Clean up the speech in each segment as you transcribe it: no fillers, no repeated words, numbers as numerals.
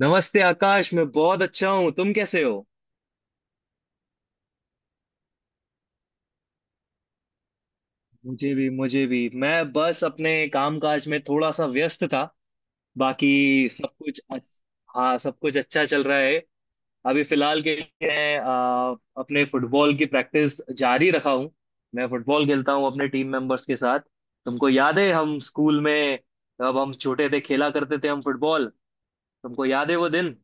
नमस्ते आकाश। मैं बहुत अच्छा हूँ, तुम कैसे हो? मुझे भी, मुझे भी, मैं बस अपने कामकाज में थोड़ा सा व्यस्त था। बाकी सब कुछ अच्छ... हाँ, सब कुछ अच्छा चल रहा है। अभी फिलहाल के लिए मैं अपने फुटबॉल की प्रैक्टिस जारी रखा हूँ। मैं फुटबॉल खेलता हूँ अपने टीम मेंबर्स के साथ। तुमको याद है हम स्कूल में, जब हम छोटे थे, खेला करते थे हम फुटबॉल। तुमको याद है वो दिन?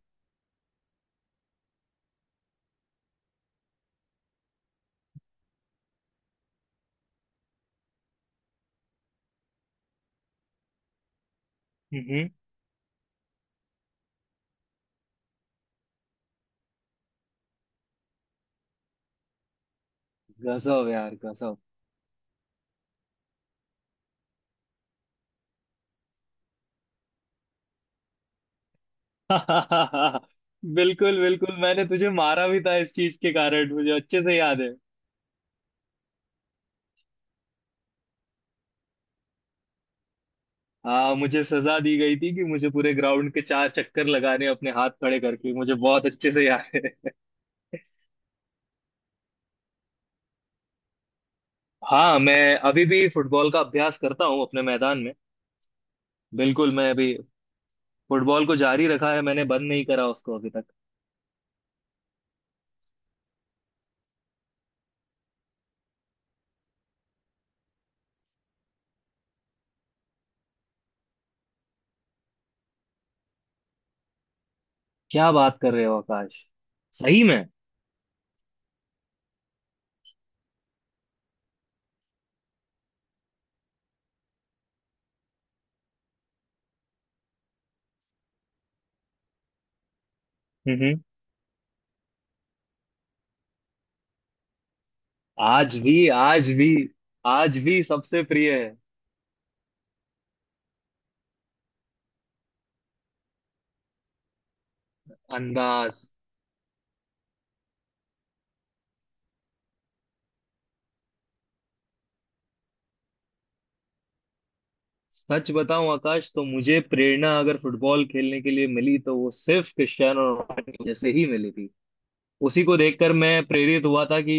हम्म। गजब यार, गजब। बिल्कुल, बिल्कुल। मैंने तुझे मारा भी था इस चीज के कारण, मुझे अच्छे से याद है। हाँ, मुझे सजा दी गई थी कि मुझे पूरे ग्राउंड के 4 चक्कर लगाने हैं अपने हाथ खड़े करके। मुझे बहुत अच्छे से याद है। हाँ, मैं अभी भी फुटबॉल का अभ्यास करता हूँ अपने मैदान में। बिल्कुल, मैं अभी फुटबॉल को जारी रखा है, मैंने बंद नहीं करा उसको अभी तक। क्या बात कर रहे हो आकाश? सही में। हम्म। आज भी, आज भी। आज भी सबसे प्रिय है। अंदाज। सच बताऊं आकाश, तो मुझे प्रेरणा अगर फुटबॉल खेलने के लिए मिली, तो वो सिर्फ क्रिस्टियानो रोनाल्डो की वजह से ही मिली थी। उसी को देखकर मैं प्रेरित हुआ था कि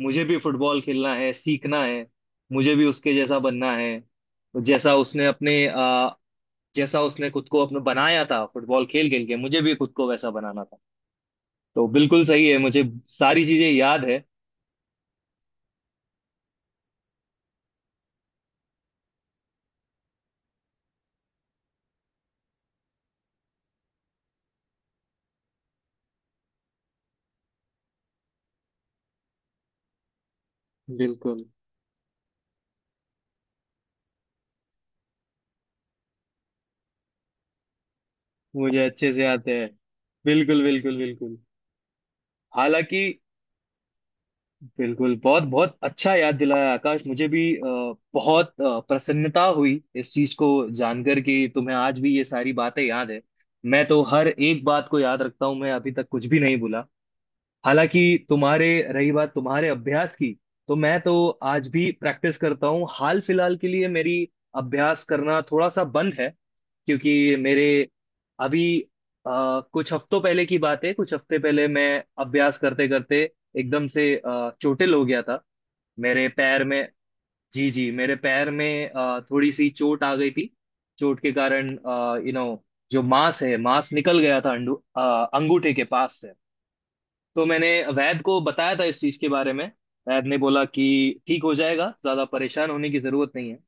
मुझे भी फुटबॉल खेलना है, सीखना है। मुझे भी उसके जैसा बनना है। तो जैसा उसने खुद को अपने बनाया था फुटबॉल खेल खेल के, मुझे भी खुद को वैसा बनाना था। तो बिल्कुल सही है, मुझे सारी चीजें याद है। बिल्कुल। मुझे अच्छे से याद है। बिल्कुल, बिल्कुल, बिल्कुल। हालांकि, बिल्कुल, बहुत बहुत अच्छा याद दिलाया आकाश। मुझे भी बहुत प्रसन्नता हुई इस चीज को जानकर कि तुम्हें आज भी ये सारी बातें याद है। मैं तो हर एक बात को याद रखता हूं, मैं अभी तक कुछ भी नहीं भूला। हालांकि तुम्हारे रही बात तुम्हारे अभ्यास की, तो मैं तो आज भी प्रैक्टिस करता हूँ। हाल फिलहाल के लिए मेरी अभ्यास करना थोड़ा सा बंद है, क्योंकि मेरे अभी कुछ हफ्तों पहले की बात है, कुछ हफ्ते पहले मैं अभ्यास करते करते एकदम से चोटिल हो गया था मेरे पैर में। जी जी, मेरे पैर में थोड़ी सी चोट आ गई थी। चोट के कारण, यू नो जो मांस है, मांस निकल गया था अंगूठे के पास से। तो मैंने वैद को बताया था इस चीज के बारे में। वैद ने बोला कि ठीक हो जाएगा, ज्यादा परेशान होने की जरूरत नहीं है।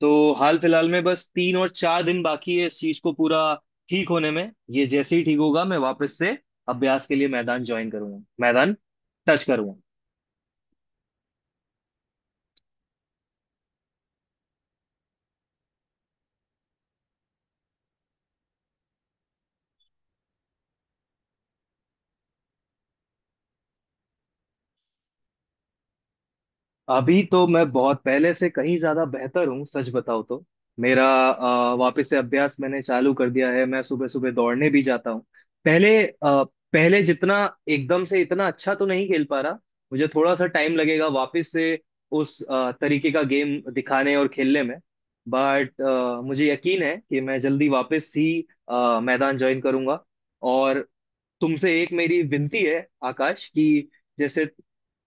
तो हाल फिलहाल में बस 3 और 4 दिन बाकी है इस चीज को पूरा ठीक होने में। ये जैसे ही ठीक होगा, मैं वापस से अभ्यास के लिए मैदान ज्वाइन करूंगा, मैदान टच करूंगा। अभी तो मैं बहुत पहले से कहीं ज्यादा बेहतर हूँ, सच बताओ तो। मेरा वापस से अभ्यास मैंने चालू कर दिया है, मैं सुबह सुबह दौड़ने भी जाता हूँ। पहले अ, पहले जितना एकदम से इतना अच्छा तो नहीं खेल पा रहा। मुझे थोड़ा सा टाइम लगेगा वापस से उस तरीके का गेम दिखाने और खेलने में। बट मुझे यकीन है कि मैं जल्दी वापस ही मैदान ज्वाइन करूंगा। और तुमसे एक मेरी विनती है आकाश कि जैसे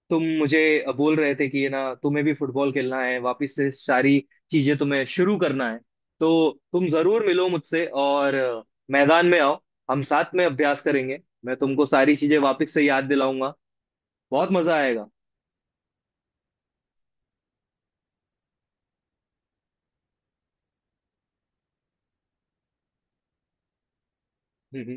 तुम मुझे बोल रहे थे कि ये ना, तुम्हें भी फुटबॉल खेलना है, वापस से सारी चीजें तुम्हें शुरू करना है। तो तुम जरूर मिलो मुझसे और मैदान में आओ। हम साथ में अभ्यास करेंगे, मैं तुमको सारी चीजें वापस से याद दिलाऊंगा। बहुत मजा आएगा। हम्म, हम्म।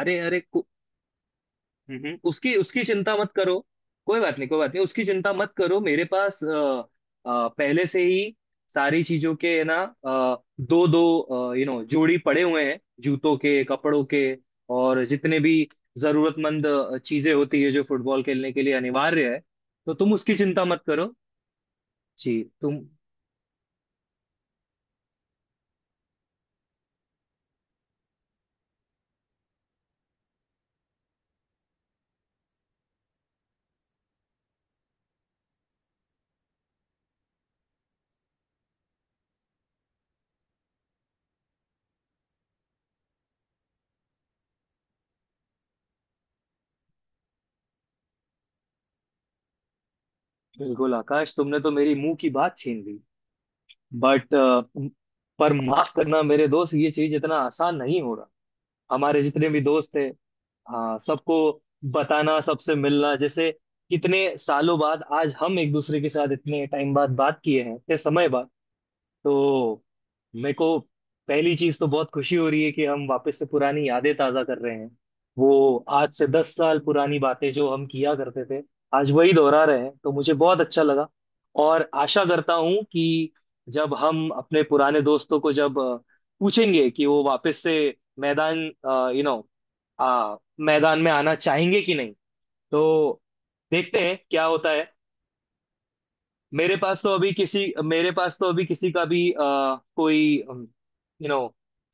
अरे अरे, उसकी उसकी चिंता मत करो। कोई बात नहीं, कोई बात नहीं, उसकी चिंता मत करो। मेरे पास पहले से ही सारी चीजों के है ना, दो दो जोड़ी पड़े हुए हैं जूतों के, कपड़ों के। और जितने भी जरूरतमंद चीजें होती है जो फुटबॉल खेलने के लिए अनिवार्य है, तो तुम उसकी चिंता मत करो। जी। तुम बिल्कुल आकाश, तुमने तो मेरी मुंह की बात छीन ली। बट पर माफ करना मेरे दोस्त, ये चीज इतना आसान नहीं हो रहा। हमारे जितने भी दोस्त थे, हाँ, सबको बताना, सबसे मिलना, जैसे कितने सालों बाद आज हम एक दूसरे के साथ इतने टाइम बाद बात किए हैं, इतने समय बाद। तो मेरे को पहली चीज तो बहुत खुशी हो रही है कि हम वापस से पुरानी यादें ताजा कर रहे हैं। वो आज से 10 साल पुरानी बातें जो हम किया करते थे, आज वही दोहरा रहे हैं, तो मुझे बहुत अच्छा लगा। और आशा करता हूं कि जब हम अपने पुराने दोस्तों को, जब पूछेंगे कि वो वापस से मैदान, यू नो मैदान में आना चाहेंगे कि नहीं, तो देखते हैं क्या होता है। मेरे पास तो अभी किसी का भी कोई यू नो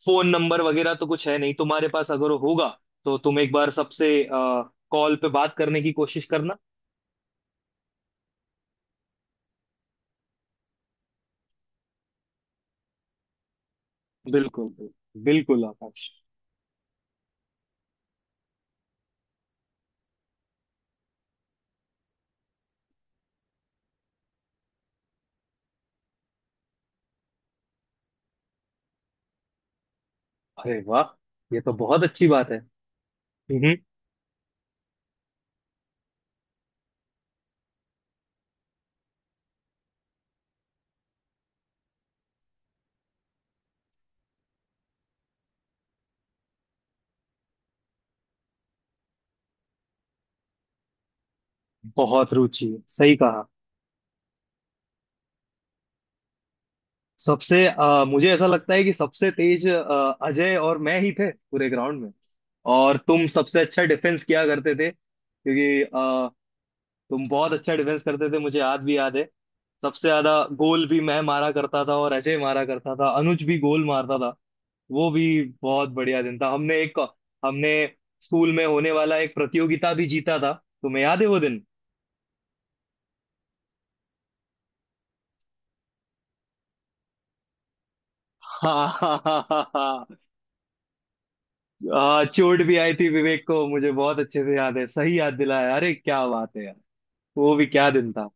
फोन नंबर वगैरह तो कुछ है नहीं, तुम्हारे पास अगर होगा तो तुम एक बार सबसे कॉल पे बात करने की कोशिश करना। बिल्कुल, बिल्कुल, बिल्कुल आकाश। अरे वाह, ये तो बहुत अच्छी बात है। हम्म। बहुत रुचि है, सही कहा। मुझे ऐसा लगता है कि सबसे तेज अजय और मैं ही थे पूरे ग्राउंड में। और तुम सबसे अच्छा डिफेंस किया करते थे, क्योंकि तुम बहुत अच्छा डिफेंस करते थे, मुझे याद है। सबसे ज्यादा गोल भी मैं मारा करता था, और अजय मारा करता था, अनुज भी गोल मारता था, वो भी। बहुत बढ़िया दिन था। हमने स्कूल में होने वाला एक प्रतियोगिता भी जीता था। तुम्हें याद है वो दिन? हाँ। चोट भी आई थी विवेक को, मुझे बहुत अच्छे से याद है, सही याद दिलाया। अरे क्या बात है यार। वो भी क्या दिन था।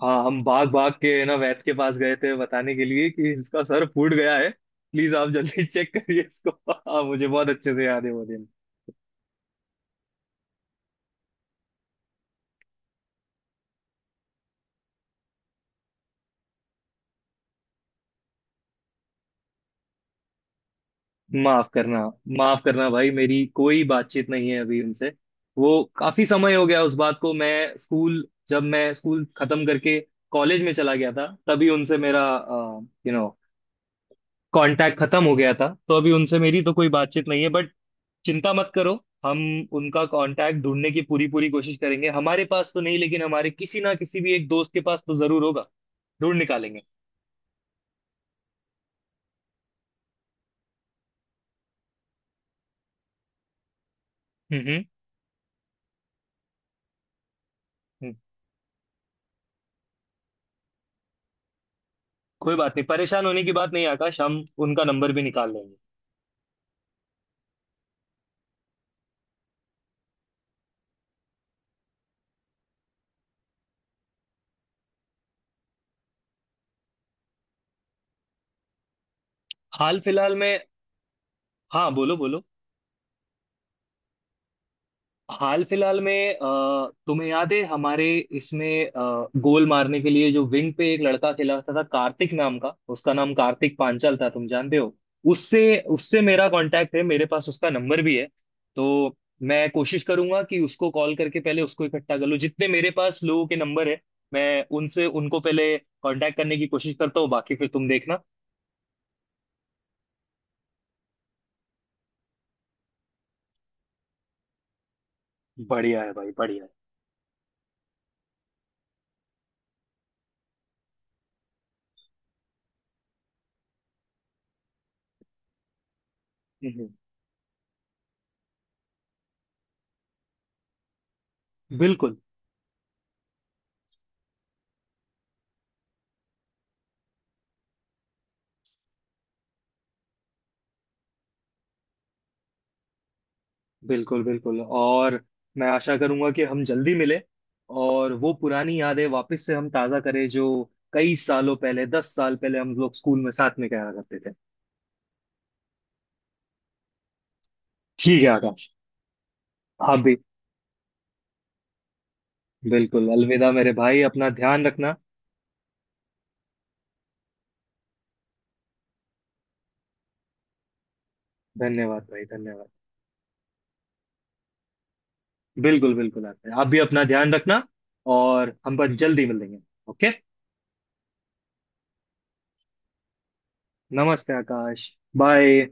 हाँ, हम भाग भाग के ना वैद्य के पास गए थे बताने के लिए कि इसका सर फूट गया है, प्लीज आप जल्दी चेक करिए इसको। हाँ, मुझे बहुत अच्छे से याद है वो दिन। माफ करना, माफ करना भाई, मेरी कोई बातचीत नहीं है अभी उनसे। वो काफी समय हो गया उस बात को। मैं स्कूल जब मैं स्कूल खत्म करके कॉलेज में चला गया था, तभी उनसे मेरा यू नो कांटेक्ट खत्म हो गया था। तो अभी उनसे मेरी तो कोई बातचीत नहीं है, बट चिंता मत करो। हम उनका कांटेक्ट ढूंढने की पूरी पूरी कोशिश करेंगे। हमारे पास तो नहीं, लेकिन हमारे किसी ना किसी भी एक दोस्त के पास तो जरूर होगा। ढूंढ निकालेंगे। हम्म, हम्म। हम्म। कोई बात नहीं, परेशान होने की बात नहीं आकाश, हम उनका नंबर भी निकाल लेंगे। हाल फिलहाल में हाँ, बोलो बोलो। हाल फिलहाल में तुम्हें याद है हमारे इसमें गोल मारने के लिए जो विंग पे एक लड़का खेला होता था, कार्तिक नाम का, उसका नाम कार्तिक पांचाल था, तुम जानते हो? उससे उससे मेरा कांटेक्ट है, मेरे पास उसका नंबर भी है। तो मैं कोशिश करूंगा कि उसको कॉल करके पहले उसको इकट्ठा कर लूं, जितने मेरे पास लोगों के नंबर है, मैं उनसे उनको पहले कांटेक्ट करने की कोशिश करता हूँ, बाकी फिर तुम देखना। बढ़िया है भाई, बढ़िया है। हम्म। बिल्कुल, बिल्कुल, बिल्कुल। और मैं आशा करूंगा कि हम जल्दी मिले, और वो पुरानी यादें वापस से हम ताजा करें, जो कई सालों पहले, 10 साल पहले हम लोग स्कूल में साथ में क्या करते थे। ठीक है आकाश। आप भी बिल्कुल। अलविदा मेरे भाई, अपना ध्यान रखना। धन्यवाद भाई, धन्यवाद। बिल्कुल, बिल्कुल, आते हैं, आप भी अपना ध्यान रखना, और हम पर जल्दी मिलेंगे। ओके। नमस्ते आकाश। बाय।